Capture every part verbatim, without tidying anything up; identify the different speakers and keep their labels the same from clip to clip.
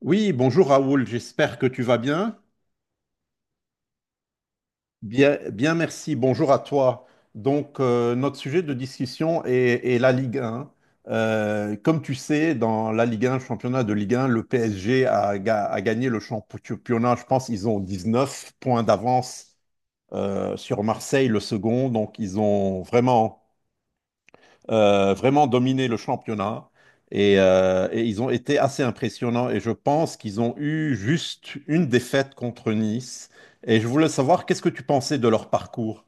Speaker 1: Oui, bonjour Raoul, j'espère que tu vas bien. Bien, bien, merci, bonjour à toi. Donc, euh, notre sujet de discussion est, est la Ligue un. Euh, comme tu sais, dans la Ligue un, championnat de Ligue un, le P S G a, ga- a gagné le championnat. Je pense qu'ils ont dix neuf points d'avance euh, sur Marseille, le second. Donc, ils ont vraiment euh, vraiment dominé le championnat. Et, euh, et ils ont été assez impressionnants. Et je pense qu'ils ont eu juste une défaite contre Nice. Et je voulais savoir, qu'est-ce que tu pensais de leur parcours?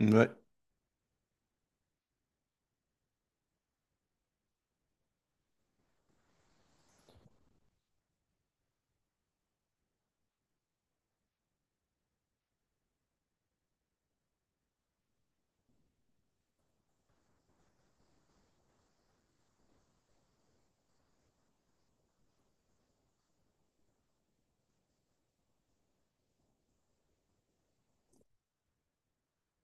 Speaker 1: Ouais.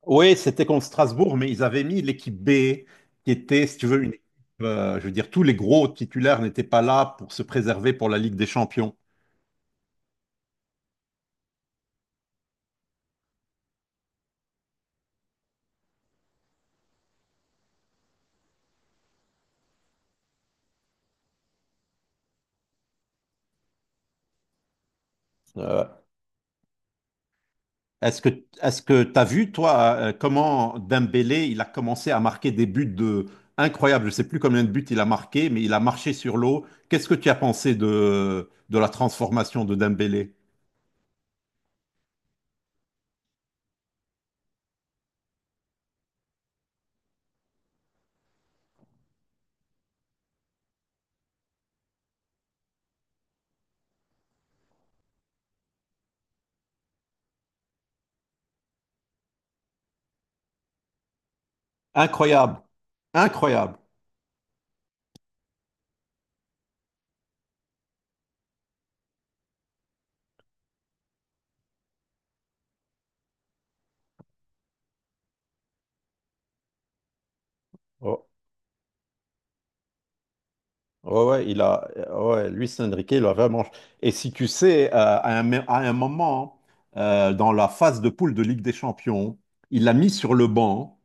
Speaker 1: Oui, c'était contre Strasbourg, mais ils avaient mis l'équipe B, qui était, si tu veux, une équipe, euh, je veux dire, tous les gros titulaires n'étaient pas là pour se préserver pour la Ligue des Champions. Euh, Est-ce que est-ce que t'as vu toi euh, comment Dembélé il a commencé à marquer des buts de incroyables. Je sais plus combien de buts il a marqué, mais il a marché sur l'eau. Qu'est-ce que tu as pensé de de la transformation de Dembélé? Incroyable, incroyable. Oh, ouais, ouais, il a, ouais, Luis Enrique, il a vraiment. Et si tu sais, euh, à un, à un moment, euh, dans la phase de poule de Ligue des Champions, il l'a mis sur le banc.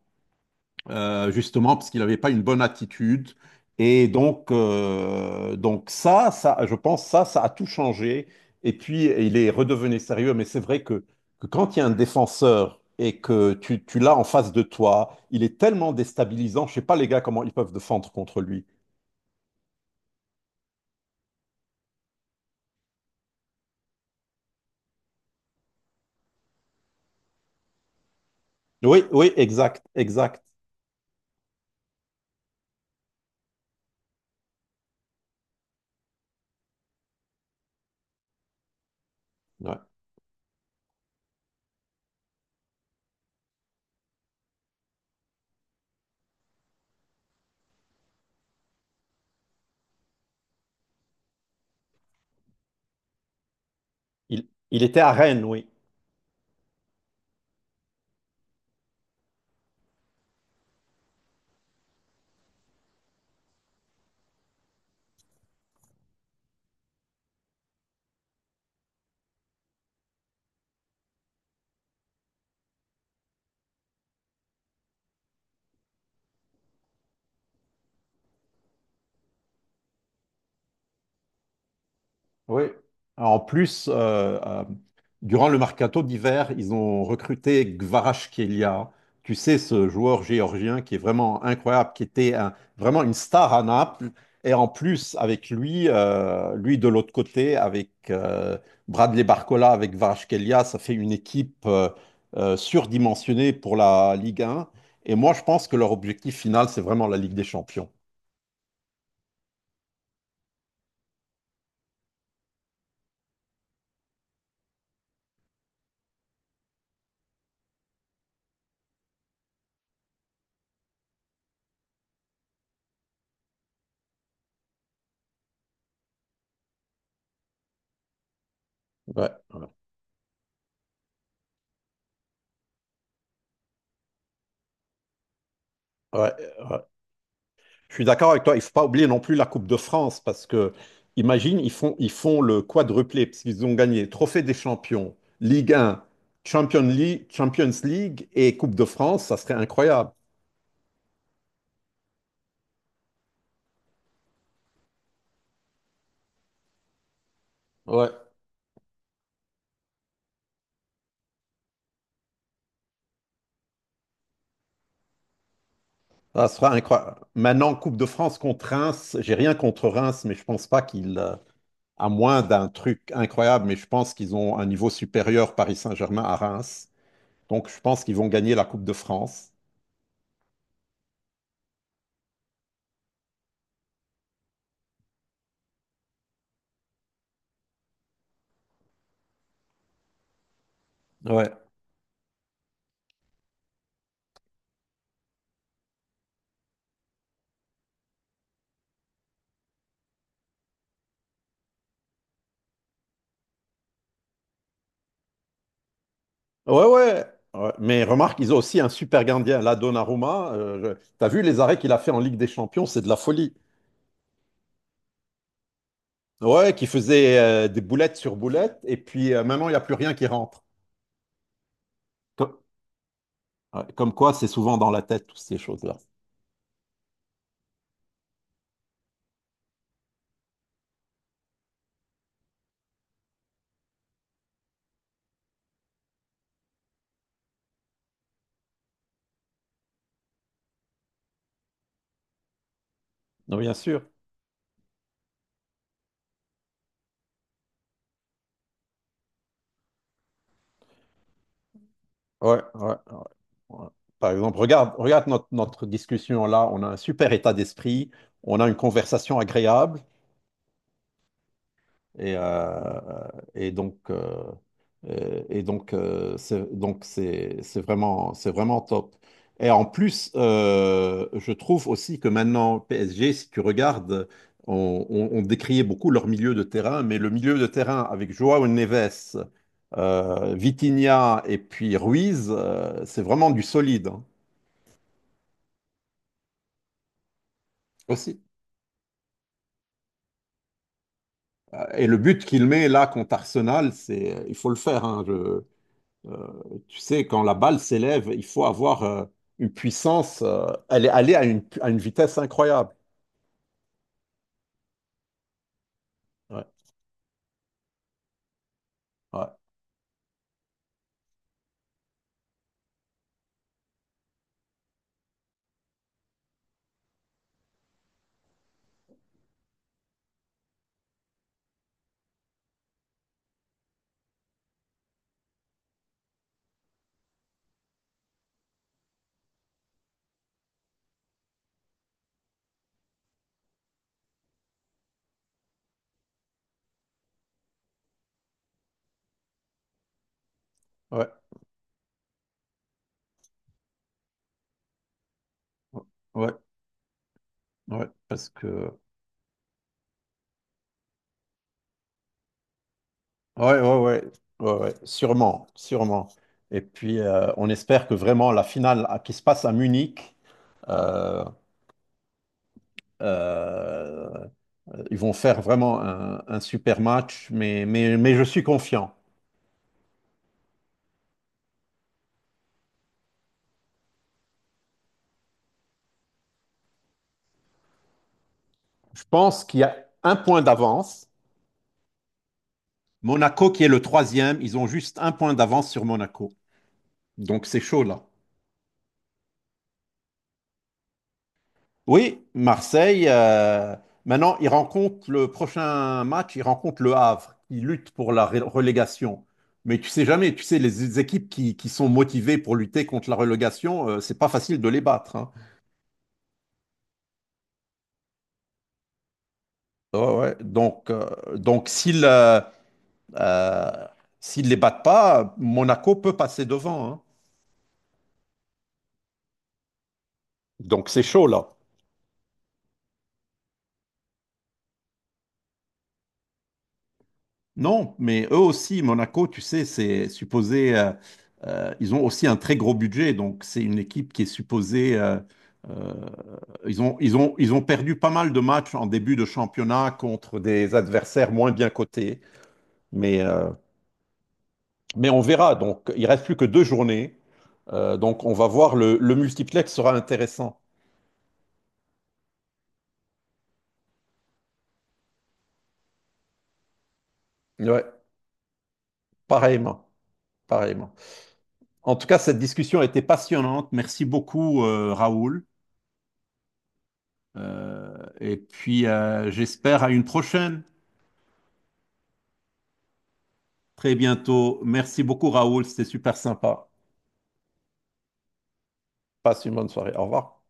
Speaker 1: euh, justement parce qu'il n'avait pas une bonne attitude. Et donc, euh, donc ça, ça, je pense ça, ça a tout changé. Et puis, il est redevenu sérieux. Mais c'est vrai que, que quand il y a un défenseur et que tu, tu l'as en face de toi, il est tellement déstabilisant. Je sais pas les gars comment ils peuvent défendre contre lui. Oui, oui, exact, exact. Ouais. Il, il était à Rennes, oui. Oui. En plus, euh, euh, Durant le mercato d'hiver, ils ont recruté Kvaratskhelia. Tu sais, ce joueur géorgien qui est vraiment incroyable, qui était un- vraiment une star à Naples. Et en plus, avec lui, euh, lui de l'autre côté, avec euh, Bradley Barcola, avec Kvaratskhelia, ça fait une équipe euh, euh, surdimensionnée pour la Ligue un. Et moi, je pense que leur objectif final, c'est vraiment la Ligue des Champions. Ouais, ouais, ouais, ouais. Je suis d'accord avec toi. Il ne faut pas oublier non plus la Coupe de France parce que, imagine, ils font, ils font le quadruplé parce qu'ils ont gagné Trophée des Champions, Ligue un, Champions League, Champions League et Coupe de France. Ça serait incroyable. Ouais. Ça serait incroyable. Maintenant, Coupe de France contre Reims. J'ai rien contre Reims, mais je pense pas qu'ils euh, à moins d'un truc incroyable, mais je pense qu'ils ont un niveau supérieur Paris Saint-Germain à Reims. Donc je pense qu'ils vont gagner la Coupe de France. Ouais. Ouais, ouais. Ouais. Mais remarque, ils ont aussi un super gardien, là, Donnarumma. Euh, je- T'as vu les arrêts qu'il a fait en Ligue des Champions, c'est de la folie. Ouais, qui faisait euh, des boulettes sur boulettes, et puis euh, maintenant, il n'y a plus rien qui rentre. Co- ouais, comme quoi, c'est souvent dans la tête, toutes ces choses-là. Non, bien sûr. Ouais, ouais, ouais, ouais. Par exemple, regarde, regarde notre, notre discussion là, on a un super état d'esprit, on a une conversation agréable et, euh, et donc euh, et, et donc euh, c'est donc c'est c'est vraiment c'est vraiment top. Et en plus, euh, je trouve aussi que maintenant P S G, si tu regardes, on, on, on décriait beaucoup leur milieu de terrain, mais le milieu de terrain avec Joao Neves, euh, Vitinha et puis Ruiz, euh, c'est vraiment du solide, hein. Aussi. Euh, Et le but qu'il met là contre Arsenal, c'est, il faut le faire, hein, je- euh, Tu sais, quand la balle s'élève, il faut avoir euh, une puissance, euh, elle est allée à une, à une vitesse incroyable. Ouais, ouais, ouais, ouais, ouais, parce que, ouais, ouais, ouais, ouais, ouais, sûrement, sûrement. Et puis, euh, on espère que vraiment la finale à- qui se passe à Munich, euh, euh, ils vont faire vraiment un, un super match, mais, mais, mais je suis confiant. Je pense qu'il y a un point d'avance. Monaco qui est le troisième, ils ont juste un point d'avance sur Monaco. Donc c'est chaud là. Oui, Marseille, euh, maintenant ils rencontrent le prochain match, ils rencontrent le Havre. Ils luttent pour la ré- relégation. Mais tu sais jamais, tu sais, les équipes qui, qui sont motivées pour lutter contre la relégation, euh, c'est pas facile de les battre, hein. Ouais, ouais. Donc, euh, donc s'ils euh, euh, s'ils les battent pas, Monaco peut passer devant, hein. Donc c'est chaud là. Non, mais eux aussi, Monaco, tu sais, c'est supposé, euh, euh, ils ont aussi un très gros budget, donc c'est une équipe qui est supposée, euh, euh, ils ont, ils ont, ils ont perdu pas mal de matchs en début de championnat contre des adversaires moins bien cotés, mais, euh, mais on verra, donc il reste plus que deux journées. Euh, donc on va voir, le, le multiplex sera intéressant. Ouais, pareillement, pareillement. En tout cas, cette discussion a été passionnante, merci beaucoup, euh, Raoul. Euh, et puis, euh, J'espère à une prochaine, très bientôt. Merci beaucoup, Raoul, c'était super sympa. Passe une bonne soirée. Au revoir.